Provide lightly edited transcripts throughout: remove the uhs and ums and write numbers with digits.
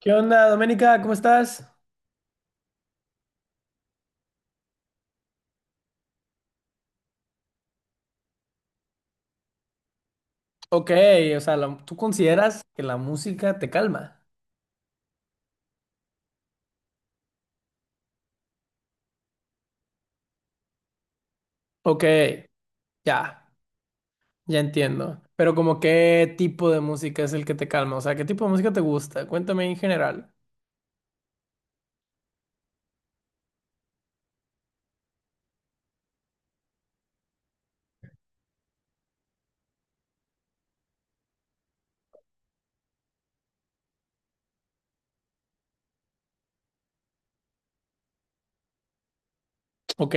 ¿Qué onda, Doménica? ¿Cómo estás? Ok, o sea, ¿tú consideras que la música te calma? Ok, ya, ya entiendo. Pero como qué tipo de música es el que te calma, o sea, ¿qué tipo de música te gusta? Cuéntame en general. Ok,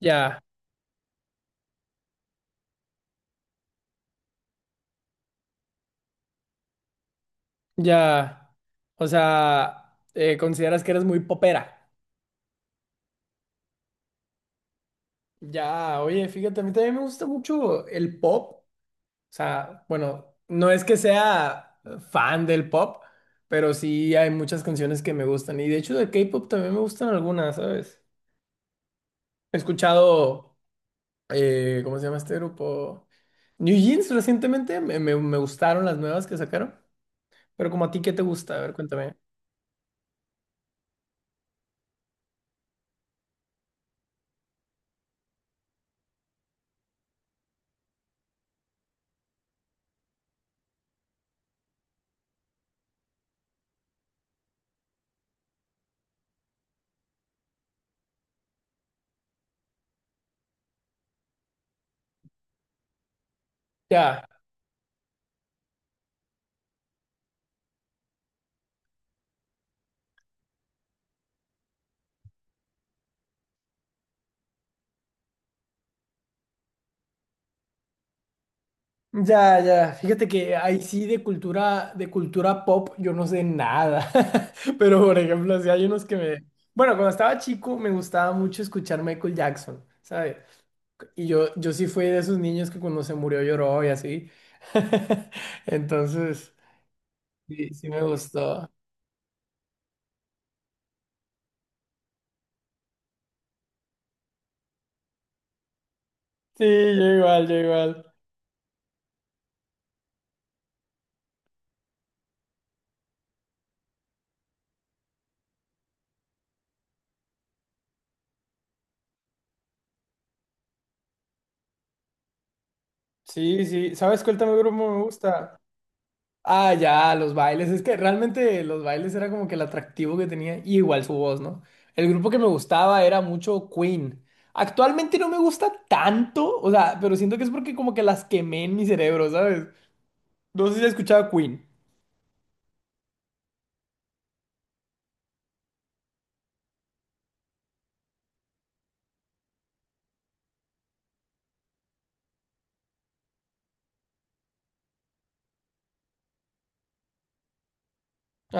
ya, ya. O sea, ¿consideras que eres muy popera? Ya, oye, fíjate, a mí también me gusta mucho el pop. O sea, bueno, no es que sea fan del pop, pero sí hay muchas canciones que me gustan. Y de hecho de K-pop también me gustan algunas, ¿sabes? He escuchado, ¿cómo se llama este grupo? New Jeans recientemente, me gustaron las nuevas que sacaron. Pero como a ti, ¿qué te gusta? A ver, cuéntame. Ya, ya, ya. Fíjate que ahí sí de cultura pop yo no sé nada. Pero por ejemplo, si hay unos que me... Bueno, cuando estaba chico me gustaba mucho escuchar Michael Jackson, ¿sabes? Y yo sí fui de esos niños que cuando se murió lloró y así. Entonces, sí, sí me gustó. Sí, yo igual, yo igual. Sí, sí. ¿Sabes cuál también grupo me gusta? Ah, ya, los bailes. Es que realmente los bailes era como que el atractivo que tenía. Y igual su voz, ¿no? El grupo que me gustaba era mucho Queen. Actualmente no me gusta tanto, o sea, pero siento que es porque como que las quemé en mi cerebro, ¿sabes? No sé si has escuchado Queen.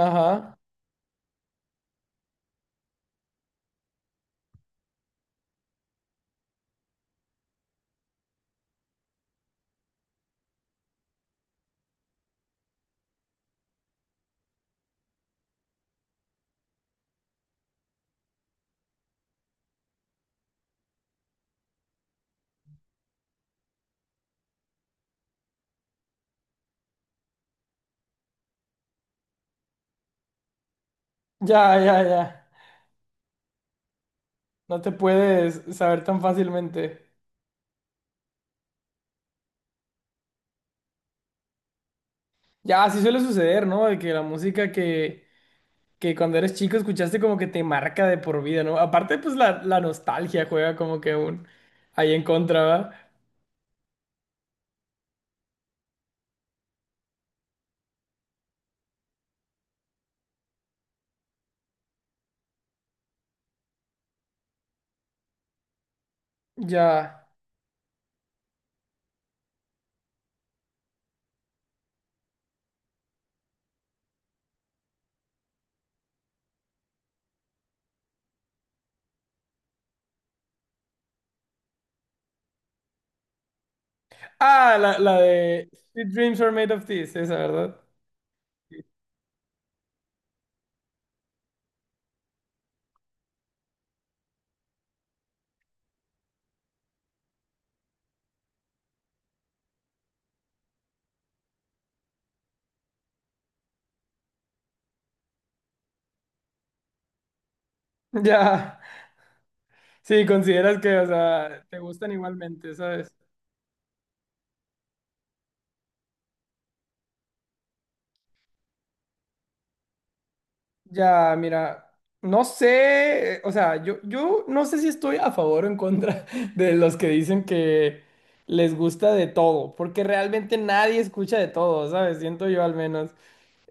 Ajá. Ya, ya, ya. No te puedes saber tan fácilmente. Ya, así suele suceder, ¿no? De que la música que cuando eres chico escuchaste como que te marca de por vida, ¿no? Aparte, pues la nostalgia juega como que un ahí en contra, ¿verdad? Ya. Ah, la de Sweet Dreams Are Made of This, esa, ¿verdad? Ya. Sí, consideras que, o sea, te gustan igualmente, ¿sabes? Ya, mira, no sé, o sea, yo no sé si estoy a favor o en contra de los que dicen que les gusta de todo, porque realmente nadie escucha de todo, ¿sabes? Siento yo al menos.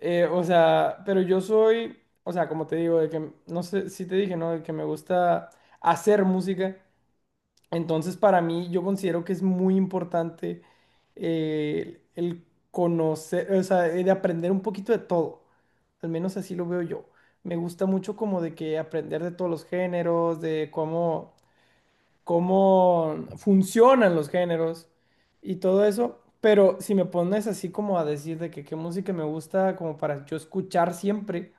O sea, pero yo soy, o sea, como te digo, de que, no sé si te dije, ¿no? De que me gusta hacer música. Entonces, para mí, yo considero que es muy importante el conocer, o sea, de aprender un poquito de todo. Al menos así lo veo yo. Me gusta mucho como de que aprender de todos los géneros, de cómo, cómo funcionan los géneros y todo eso. Pero si me pones así como a decir de que qué música me gusta como para yo escuchar siempre,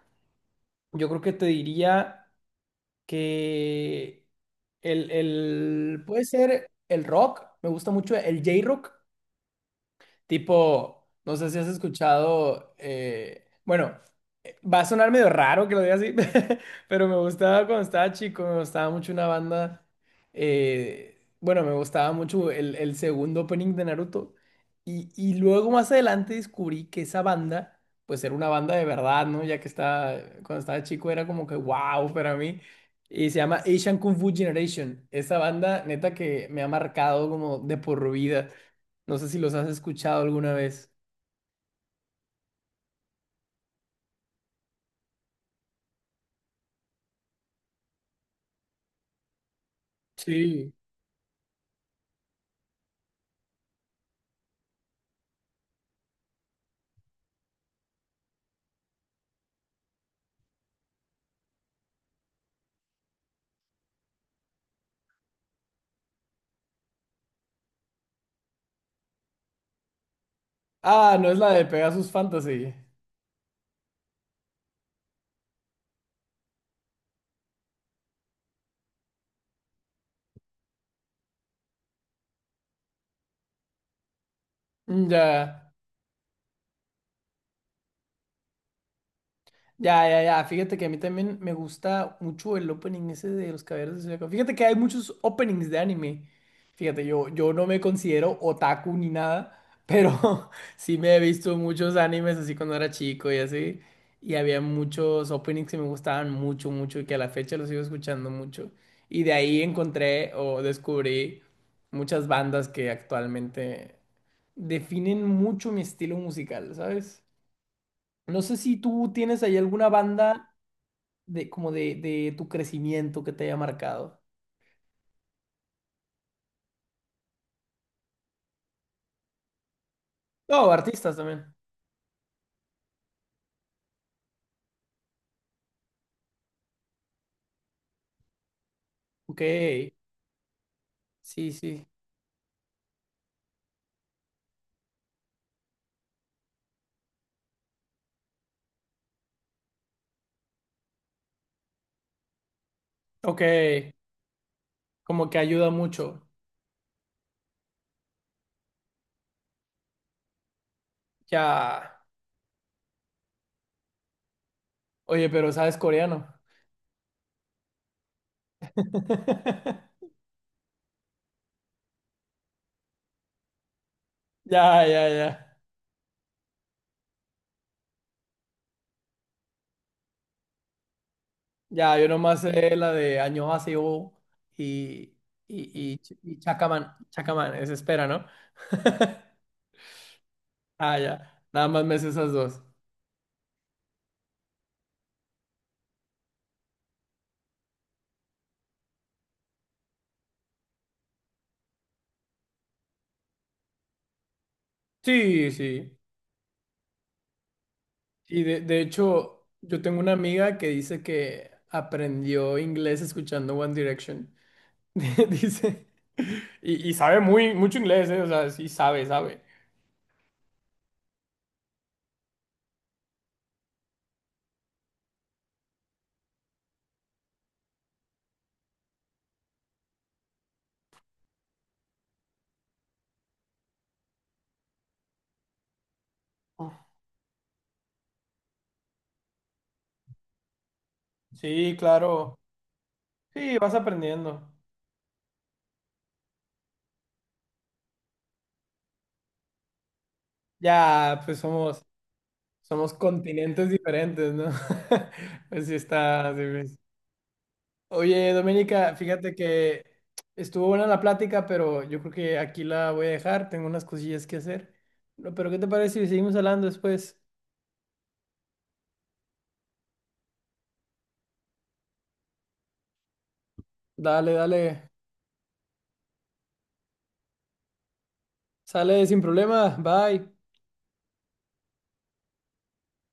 yo creo que te diría que puede ser el rock, me gusta mucho el J-Rock. Tipo, no sé si has escuchado, bueno, va a sonar medio raro que lo diga así, pero me gustaba cuando estaba chico, me gustaba mucho una banda, bueno, me gustaba mucho el segundo opening de Naruto. Y luego más adelante descubrí que esa banda, pues era una banda de verdad, ¿no? Ya que estaba, cuando estaba chico era como que wow para mí. Y se llama Asian Kung Fu Generation. Esa banda, neta, que me ha marcado como de por vida. No sé si los has escuchado alguna vez. Sí. Ah, no es la de Pegasus Fantasy. Mm, ya. Ya, ya, ya. Fíjate que a mí también me gusta mucho el opening ese de Los Caballeros del Zodiaco. Fíjate que hay muchos openings de anime. Fíjate, yo no me considero otaku ni nada, pero sí me he visto muchos animes así cuando era chico y así. Y había muchos openings que me gustaban mucho, mucho y que a la fecha los sigo escuchando mucho. Y de ahí encontré o descubrí muchas bandas que actualmente definen mucho mi estilo musical, ¿sabes? No sé si tú tienes ahí alguna banda de como de tu crecimiento que te haya marcado. No, artistas también. Ok, sí, sí. Ok, como que ayuda mucho. Ya. Oye, pero ¿sabes coreano? Ya, ya, ya. Ya, yo nomás sé la de Añohaseyo y, y, y Chacaman. Chacaman, es espera, ¿no? Ah, ya. Nada más me sé esas dos. Sí, sí. Y de hecho, yo tengo una amiga que dice que aprendió inglés escuchando One Direction. Dice, y sabe muy, mucho inglés, ¿eh? O sea, sí sabe, sabe. Sí, claro. Sí, vas aprendiendo. Ya, pues somos, somos continentes diferentes, ¿no? Pues sí está. Así es. Oye, Doménica, fíjate que estuvo buena la plática, pero yo creo que aquí la voy a dejar. Tengo unas cosillas que hacer. No, pero ¿qué te parece si seguimos hablando después? Dale, dale. Sale sin problema. Bye.